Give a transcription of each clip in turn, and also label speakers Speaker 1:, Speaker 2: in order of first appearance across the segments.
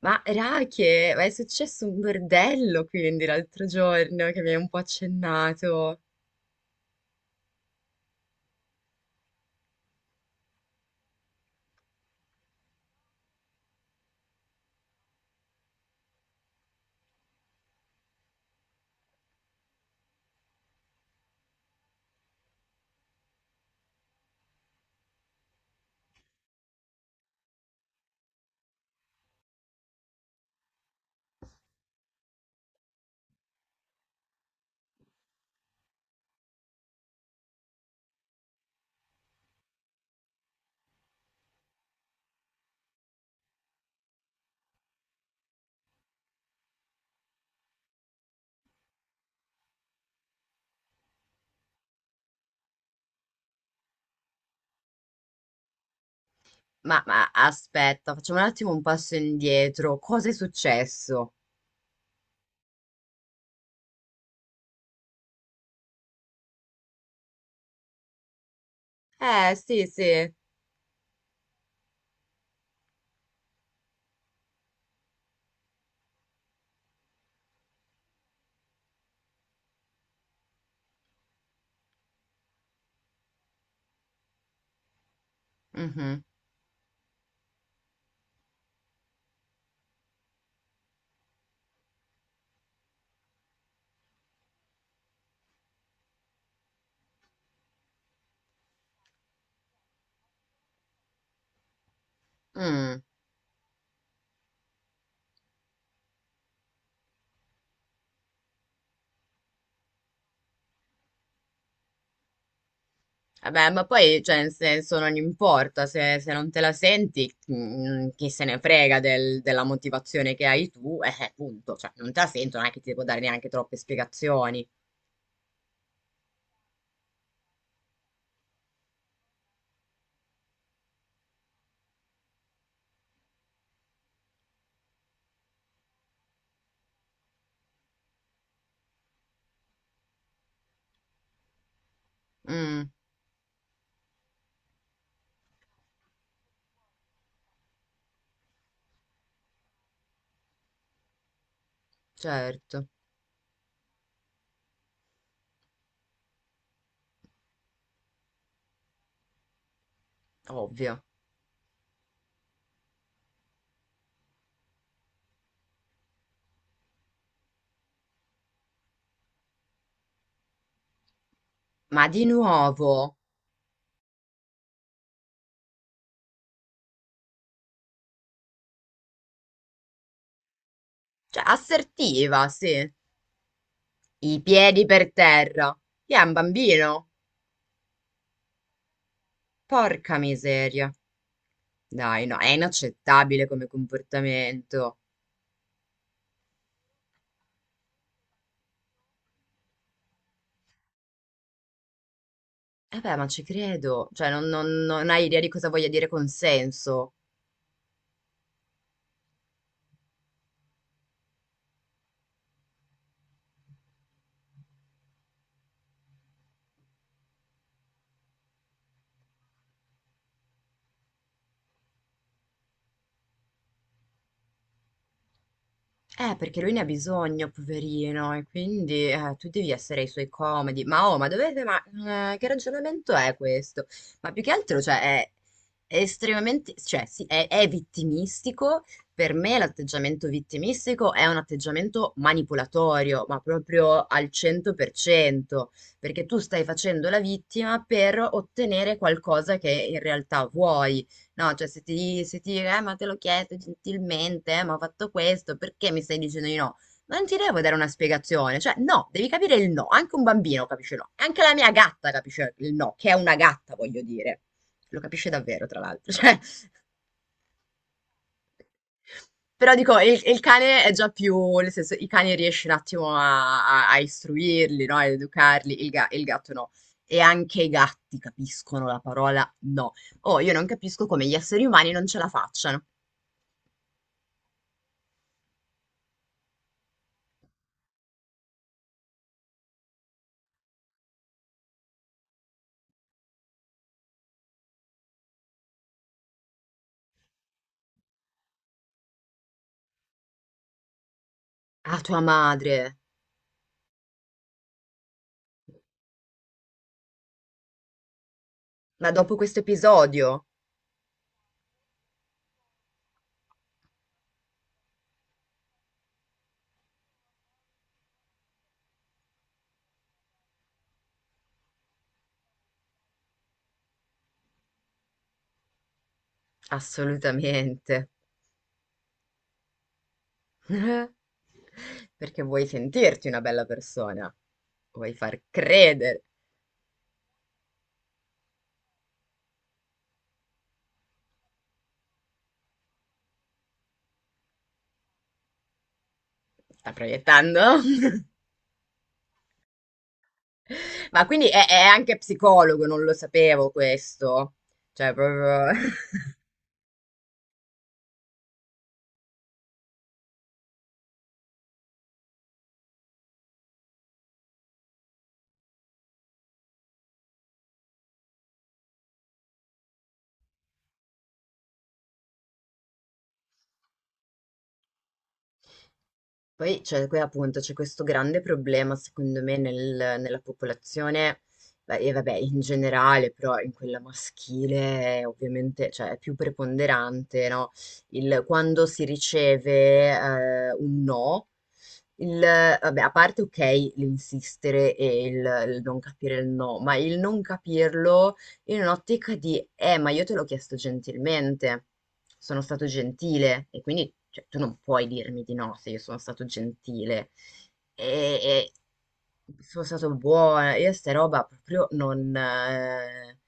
Speaker 1: Ma Rache, ma è successo un bordello quindi l'altro giorno che mi hai un po' accennato. Ma aspetta, facciamo un attimo un passo indietro. Cosa è successo? Sì, sì. Mhm. mm. Vabbè, ma poi, cioè, nel senso, non importa se, se non te la senti, mm, chi se ne frega della motivazione che hai tu, punto. Cioè, non te la sento, non è che ti devo dare neanche troppe spiegazioni. Mm, certo. Ovvio. Ma di nuovo? Cioè, assertiva, sì. I piedi per terra. Chi è un bambino? Porca miseria. Dai, no, è inaccettabile come comportamento. Eh beh, ma ci credo. Cioè, non, non hai idea di cosa voglia dire consenso. Perché lui ne ha bisogno, poverino, e quindi tu devi essere ai suoi comodi. Ma oh, ma dovete, ma che ragionamento è questo? Ma più che altro, cioè, è estremamente, cioè, sì, è vittimistico. Per me l'atteggiamento vittimistico è un atteggiamento manipolatorio, ma proprio al 100%, perché tu stai facendo la vittima per ottenere qualcosa che in realtà vuoi. No, cioè se ti, se ti dire: ma te l'ho chiesto gentilmente, ma ho fatto questo, perché mi stai dicendo di no? Non ti devo dare una spiegazione, cioè no, devi capire il no, anche un bambino capisce il no, anche la mia gatta capisce il no, che è una gatta, voglio dire. Lo capisce davvero, tra l'altro, cioè, però dico, il cane è già più, nel senso, i cani riesci un attimo a, a istruirli, no? Ad educarli, il, il gatto no. E anche i gatti capiscono la parola no. Oh, io non capisco come gli esseri umani non ce la facciano. Ah, tua madre! Ma dopo questo episodio? Assolutamente. Perché vuoi sentirti una bella persona. Vuoi far credere. Sta proiettando? Ma quindi è anche psicologo, non lo sapevo questo. Cioè, proprio... Poi c'è qui appunto c'è questo grande problema secondo me nella popolazione, beh, e vabbè in generale però in quella maschile è ovviamente cioè, è più preponderante no? Il, quando si riceve un no, il, vabbè, a parte ok l'insistere e il non capire il no, ma il non capirlo in un'ottica di, ma io te l'ho chiesto gentilmente, sono stato gentile e quindi cioè, tu non puoi dirmi di no se io sono stato gentile e, e sono stato buona, io sta roba proprio non,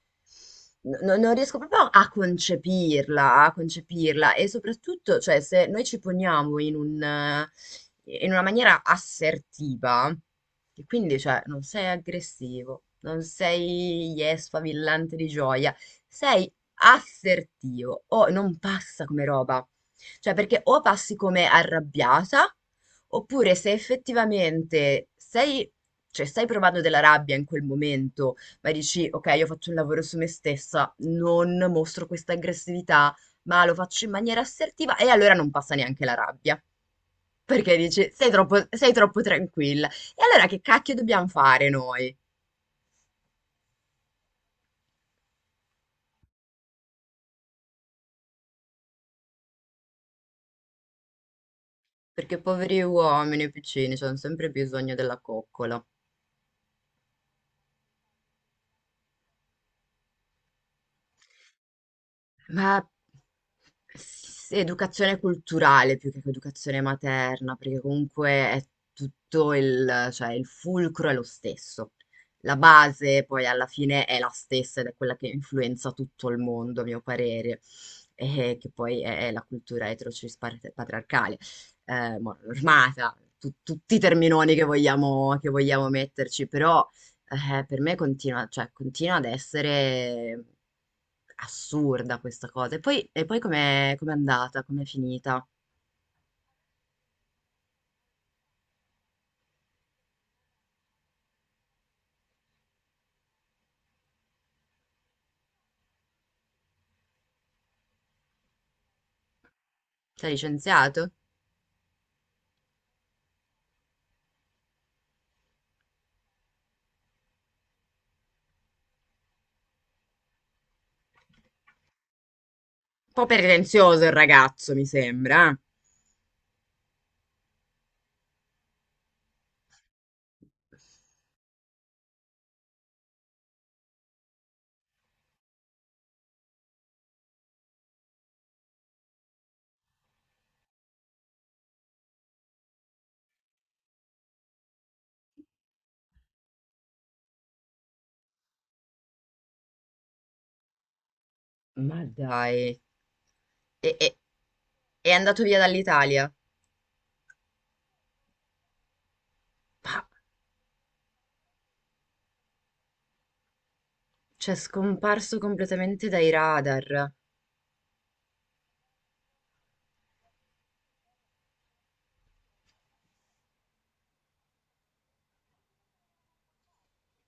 Speaker 1: non riesco proprio a concepirla e soprattutto, cioè, se noi ci poniamo in un, in una maniera assertiva, e quindi, cioè, non sei aggressivo, non sei yes, sfavillante di gioia, sei assertivo o non passa come roba. Cioè, perché o passi come arrabbiata, oppure se effettivamente sei, cioè, stai provando della rabbia in quel momento ma dici, ok, io faccio un lavoro su me stessa, non mostro questa aggressività, ma lo faccio in maniera assertiva e allora non passa neanche la rabbia. Perché dici, sei troppo tranquilla. E allora che cacchio dobbiamo fare noi? Perché poveri uomini piccini, hanno sempre bisogno della coccola. Ma educazione culturale più che educazione materna, perché comunque è tutto il, cioè il fulcro è lo stesso. La base poi alla fine è la stessa ed è quella che influenza tutto il mondo, a mio parere, e che poi è la cultura eterocis patriarcale, normata, tutti i terminoni che vogliamo metterci, però per me continua, cioè, continua ad essere assurda questa cosa. E poi com'è andata? Com'è finita? Ti ha licenziato? Un po' pretenzioso il ragazzo, mi sembra, eh? Ma dai. E, è andato via dall'Italia? Ma, cioè, è scomparso completamente dai radar.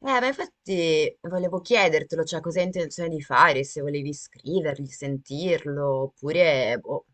Speaker 1: Ma infatti volevo chiedertelo, cioè, cosa hai intenzione di fare, se volevi scrivergli, sentirlo, oppure... Boh,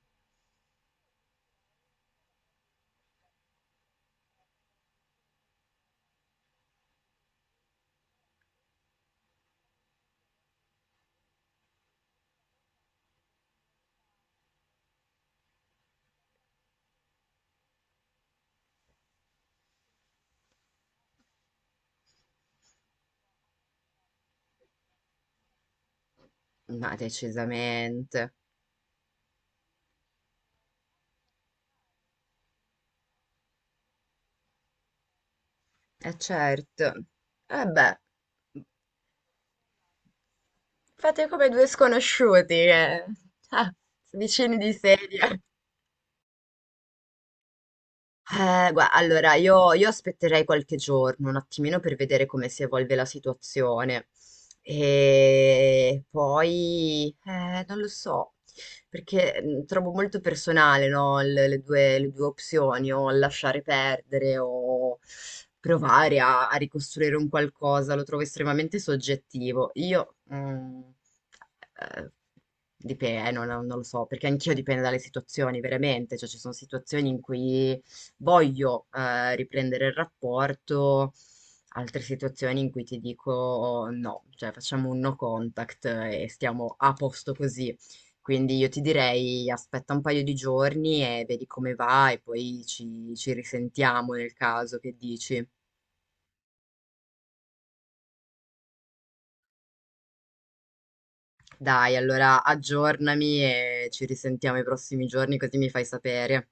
Speaker 1: ma decisamente. Eh certo. Eh beh, fate come due sconosciuti, che... ah, vicini di sedia. Allora, io aspetterei qualche giorno, un attimino per vedere come si evolve la situazione. E poi, non lo so, perché trovo molto personale, no, le due opzioni, o lasciare perdere o provare a, a ricostruire un qualcosa, lo trovo estremamente soggettivo. Io, mm, eh, dipende, non, non lo so, perché anch'io dipende dalle situazioni, veramente, cioè ci sono situazioni in cui voglio riprendere il rapporto, altre situazioni in cui ti dico: "Oh, no, cioè facciamo un no contact e stiamo a posto così." Quindi io ti direi aspetta un paio di giorni e vedi come va e poi ci, ci risentiamo nel caso che dici. Dai, allora aggiornami e ci risentiamo i prossimi giorni così mi fai sapere.